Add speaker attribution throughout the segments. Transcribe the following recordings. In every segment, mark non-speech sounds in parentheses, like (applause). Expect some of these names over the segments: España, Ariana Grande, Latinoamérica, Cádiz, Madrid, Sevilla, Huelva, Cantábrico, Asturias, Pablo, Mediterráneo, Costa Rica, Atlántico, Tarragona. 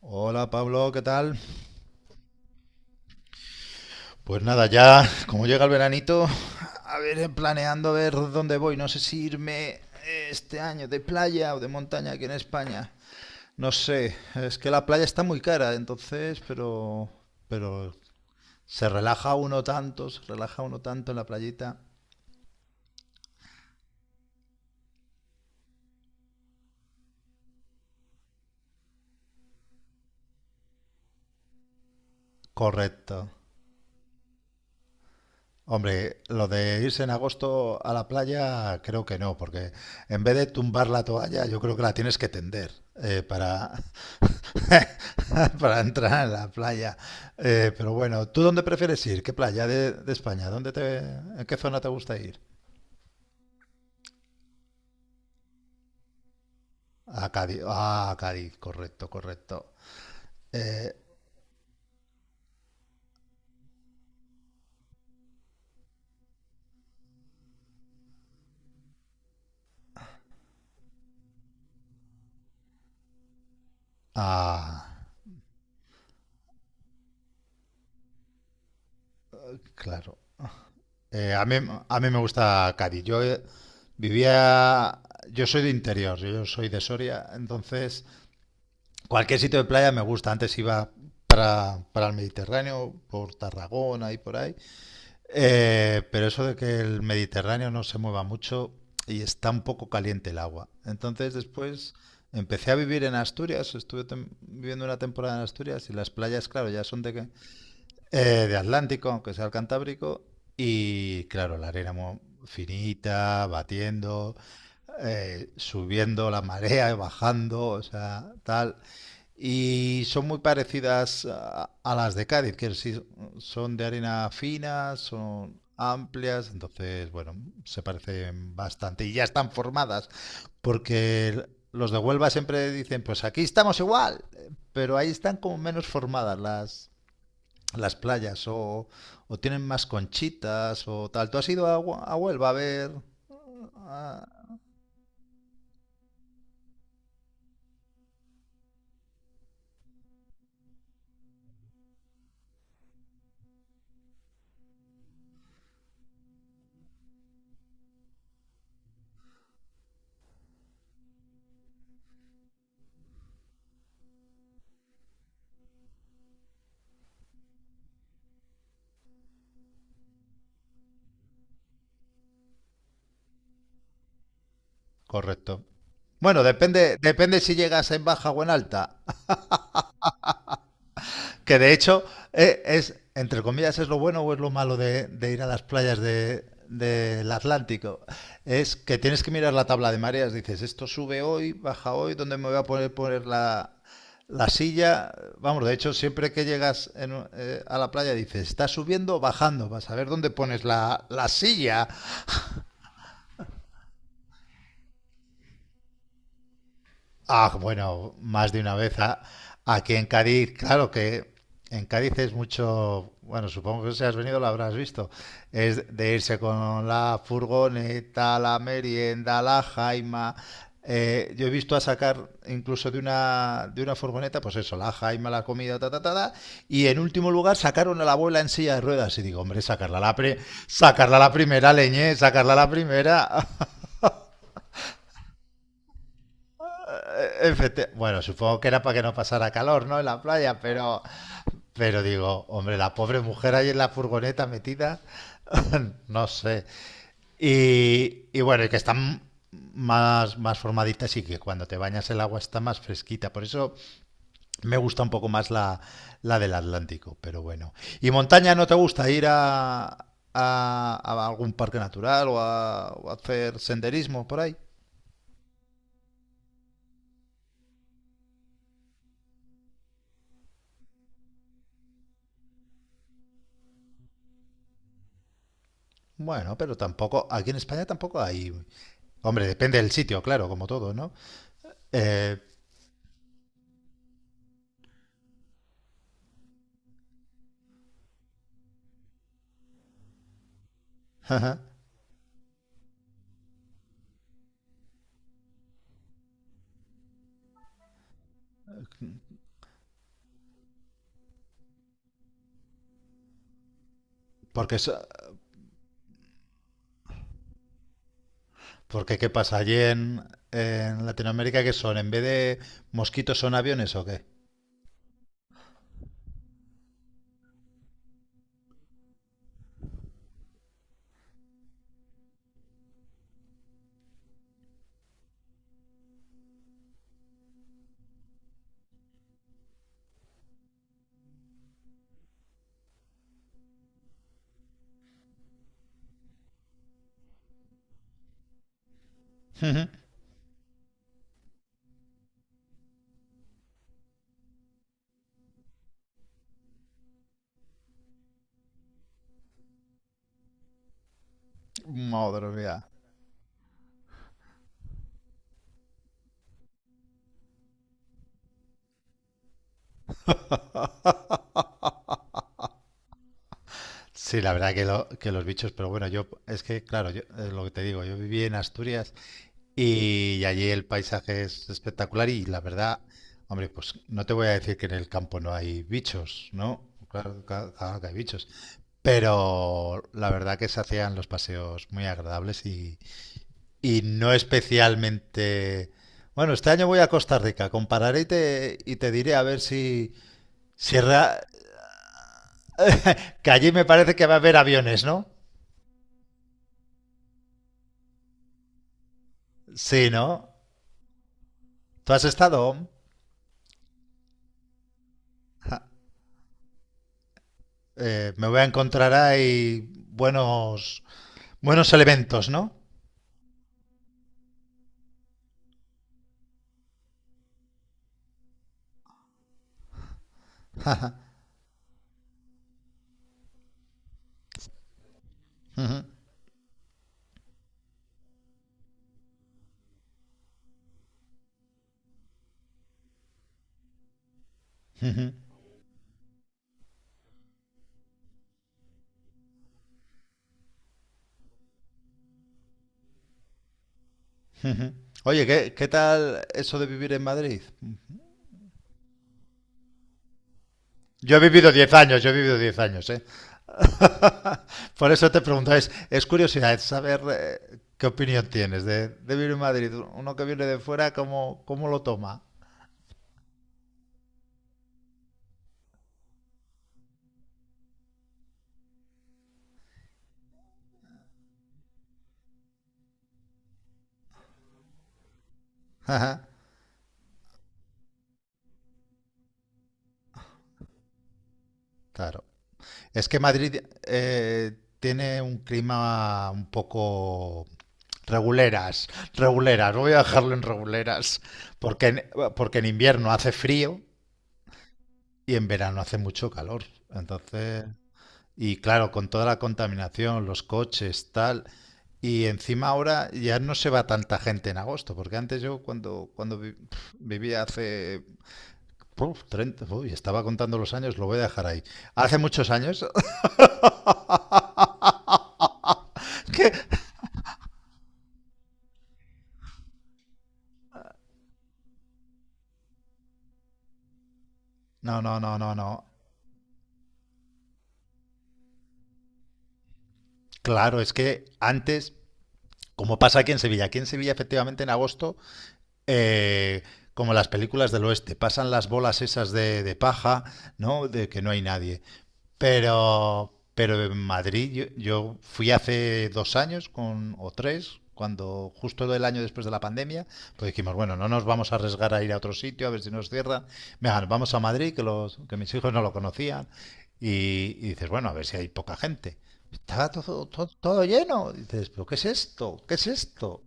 Speaker 1: Hola Pablo, ¿qué tal? Pues nada, ya como llega el veranito, a ver, planeando a ver dónde voy. No sé si irme este año de playa o de montaña aquí en España. No sé, es que la playa está muy cara, entonces, pero se relaja uno tanto, se relaja uno tanto en la playita. Correcto. Hombre, lo de irse en agosto a la playa creo que no, porque en vez de tumbar la toalla, yo creo que la tienes que tender eh, para, (laughs) para entrar en la playa. Pero bueno, ¿tú dónde prefieres ir? ¿Qué playa de España? ¿Dónde te, en qué zona te gusta ir? A Cádiz. Ah, a Cádiz, correcto, correcto. Eh, ah, claro. Eh, a mí, a mí me gusta Cádiz. Vivía, yo soy de interior, yo soy de Soria, entonces cualquier sitio de playa me gusta. Antes iba para el Mediterráneo, por Tarragona y por ahí. Pero eso de que el Mediterráneo no se mueva mucho y está un poco caliente el agua. Entonces después empecé a vivir en Asturias, estuve viviendo una temporada en Asturias y las playas, claro, ya son de, de Atlántico, aunque sea el Cantábrico, y claro, la arena finita, batiendo, subiendo la marea, y bajando, o sea, tal. Y son muy parecidas a las de Cádiz, que sí son de arena fina, son amplias, entonces, bueno, se parecen bastante y ya están formadas, porque los de Huelva siempre dicen, pues aquí estamos igual, pero ahí están como menos formadas las playas o tienen más conchitas o tal. ¿Tú has ido a, a Huelva a ver? Ah, correcto. Bueno, depende, depende si llegas en baja o en alta. Que de hecho entre comillas, es lo bueno o es lo malo de ir a las playas de, del Atlántico, es que tienes que mirar la tabla de mareas, dices, esto sube hoy, baja hoy, ¿dónde me voy a poner, poner la silla? Vamos, de hecho, siempre que llegas a la playa dices, está subiendo o bajando, vas a ver dónde pones la silla. Ah, bueno, más de una vez. Ah. Aquí en Cádiz, claro que en Cádiz es mucho, bueno, supongo que si has venido lo habrás visto, es de irse con la furgoneta, la merienda, la jaima. Yo he visto a sacar incluso de una furgoneta, pues eso, la jaima, la comida, ta, ta, ta, ta, y en último lugar sacaron a la abuela en silla de ruedas. Y digo, hombre, sacarla a sacarla a la primera, leñé, sacarla a la primera. (laughs) Bueno, supongo que era para que no pasara calor, ¿no? En la playa, pero digo, hombre, la pobre mujer ahí en la furgoneta metida, (laughs) no sé. Y bueno, y que están más, más formaditas y que cuando te bañas el agua está más fresquita. Por eso me gusta un poco más la del Atlántico, pero bueno. ¿Y montaña no te gusta ir a, a algún parque natural o a hacer senderismo por ahí? Bueno, pero tampoco, aquí en España tampoco hay... Hombre, depende del sitio, claro, como todo, ¿no? Eh, (laughs) porque, so- porque, ¿qué pasa? Allí en Latinoamérica, ¿qué son? ¿En vez de mosquitos son aviones o qué? (laughs) Madre mía. Sí, la verdad que, que los bichos, pero bueno, yo es que, claro, yo, es lo que te digo, yo viví en Asturias y allí el paisaje es espectacular y la verdad, hombre, pues no te voy a decir que en el campo no hay bichos, ¿no? Claro, claro que hay bichos. Pero la verdad que se hacían los paseos muy agradables y no especialmente... Bueno, este año voy a Costa Rica, compararé y te diré a ver si... si rea- (laughs) que allí me parece que va a haber aviones, ¿no? Sí, ¿no? ¿Tú has estado? Ja, me voy a encontrar ahí buenos, buenos elementos, ¿no? Ujú. Oye, ¿qué, qué tal eso de vivir en Madrid? Yo he vivido 10 años, yo he vivido 10 años, ¿eh? Por eso te preguntaba, es curiosidad es saber qué opinión tienes de vivir en Madrid. Uno que viene de fuera, ¿cómo, cómo lo toma? (laughs) Ajá. Claro. Es que Madrid tiene un clima un poco reguleras, reguleras. Voy a dejarlo en reguleras, porque en, porque en invierno hace frío y en verano hace mucho calor. Entonces, y claro, con toda la contaminación, los coches, tal. Y encima ahora ya no se va tanta gente en agosto, porque antes yo cuando, cuando vivía hace puf, 30, uy, estaba contando los años, lo voy a dejar ahí. Hace muchos años (laughs) que... No, no, no, no, no. Claro, es que antes, como pasa aquí en Sevilla efectivamente en agosto, eh, como las películas del oeste, pasan las bolas esas de paja, ¿no? De que no hay nadie. Pero en Madrid yo, yo fui hace dos años con, o tres, cuando justo el año después de la pandemia, pues dijimos, bueno, no nos vamos a arriesgar a ir a otro sitio, a ver si nos cierra. Venga, vamos a Madrid, que, los, que mis hijos no lo conocían. Y dices, bueno, a ver si hay poca gente. Estaba todo, todo, todo lleno. Dices, pero ¿qué es esto? ¿Qué es esto?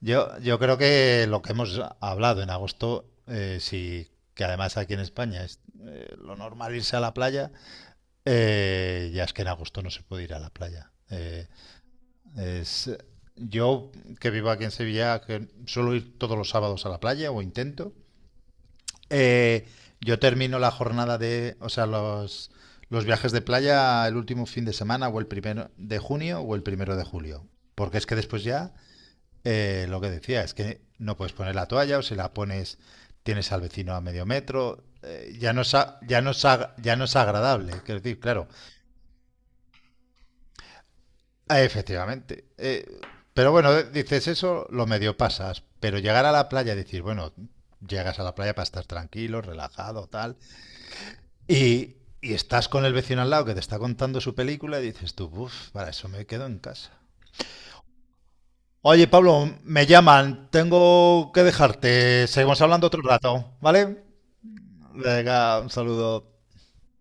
Speaker 1: Yo creo que lo que hemos hablado en agosto, sí, que además aquí en España es lo normal irse a la playa, ya es que en agosto no se puede ir a la playa. Es, yo, que vivo aquí en Sevilla, que suelo ir todos los sábados a la playa o intento, eh, yo termino la jornada de, o sea, los viajes de playa el último fin de semana o el primero de junio o el primero de julio. Porque es que después ya, lo que decía, es que no puedes poner la toalla o si la pones tienes al vecino a medio metro, ya, ya no es agradable. Quiero decir, claro, ah, efectivamente. Pero bueno, dices eso, lo medio pasas. Pero llegar a la playa, decir, bueno, llegas a la playa para estar tranquilo, relajado, tal. Y, y estás con el vecino al lado que te está contando su película y dices tú, uff, para eso me quedo en casa. Oye, Pablo, me llaman, tengo que dejarte. Seguimos hablando otro rato, ¿vale? Venga, un saludo.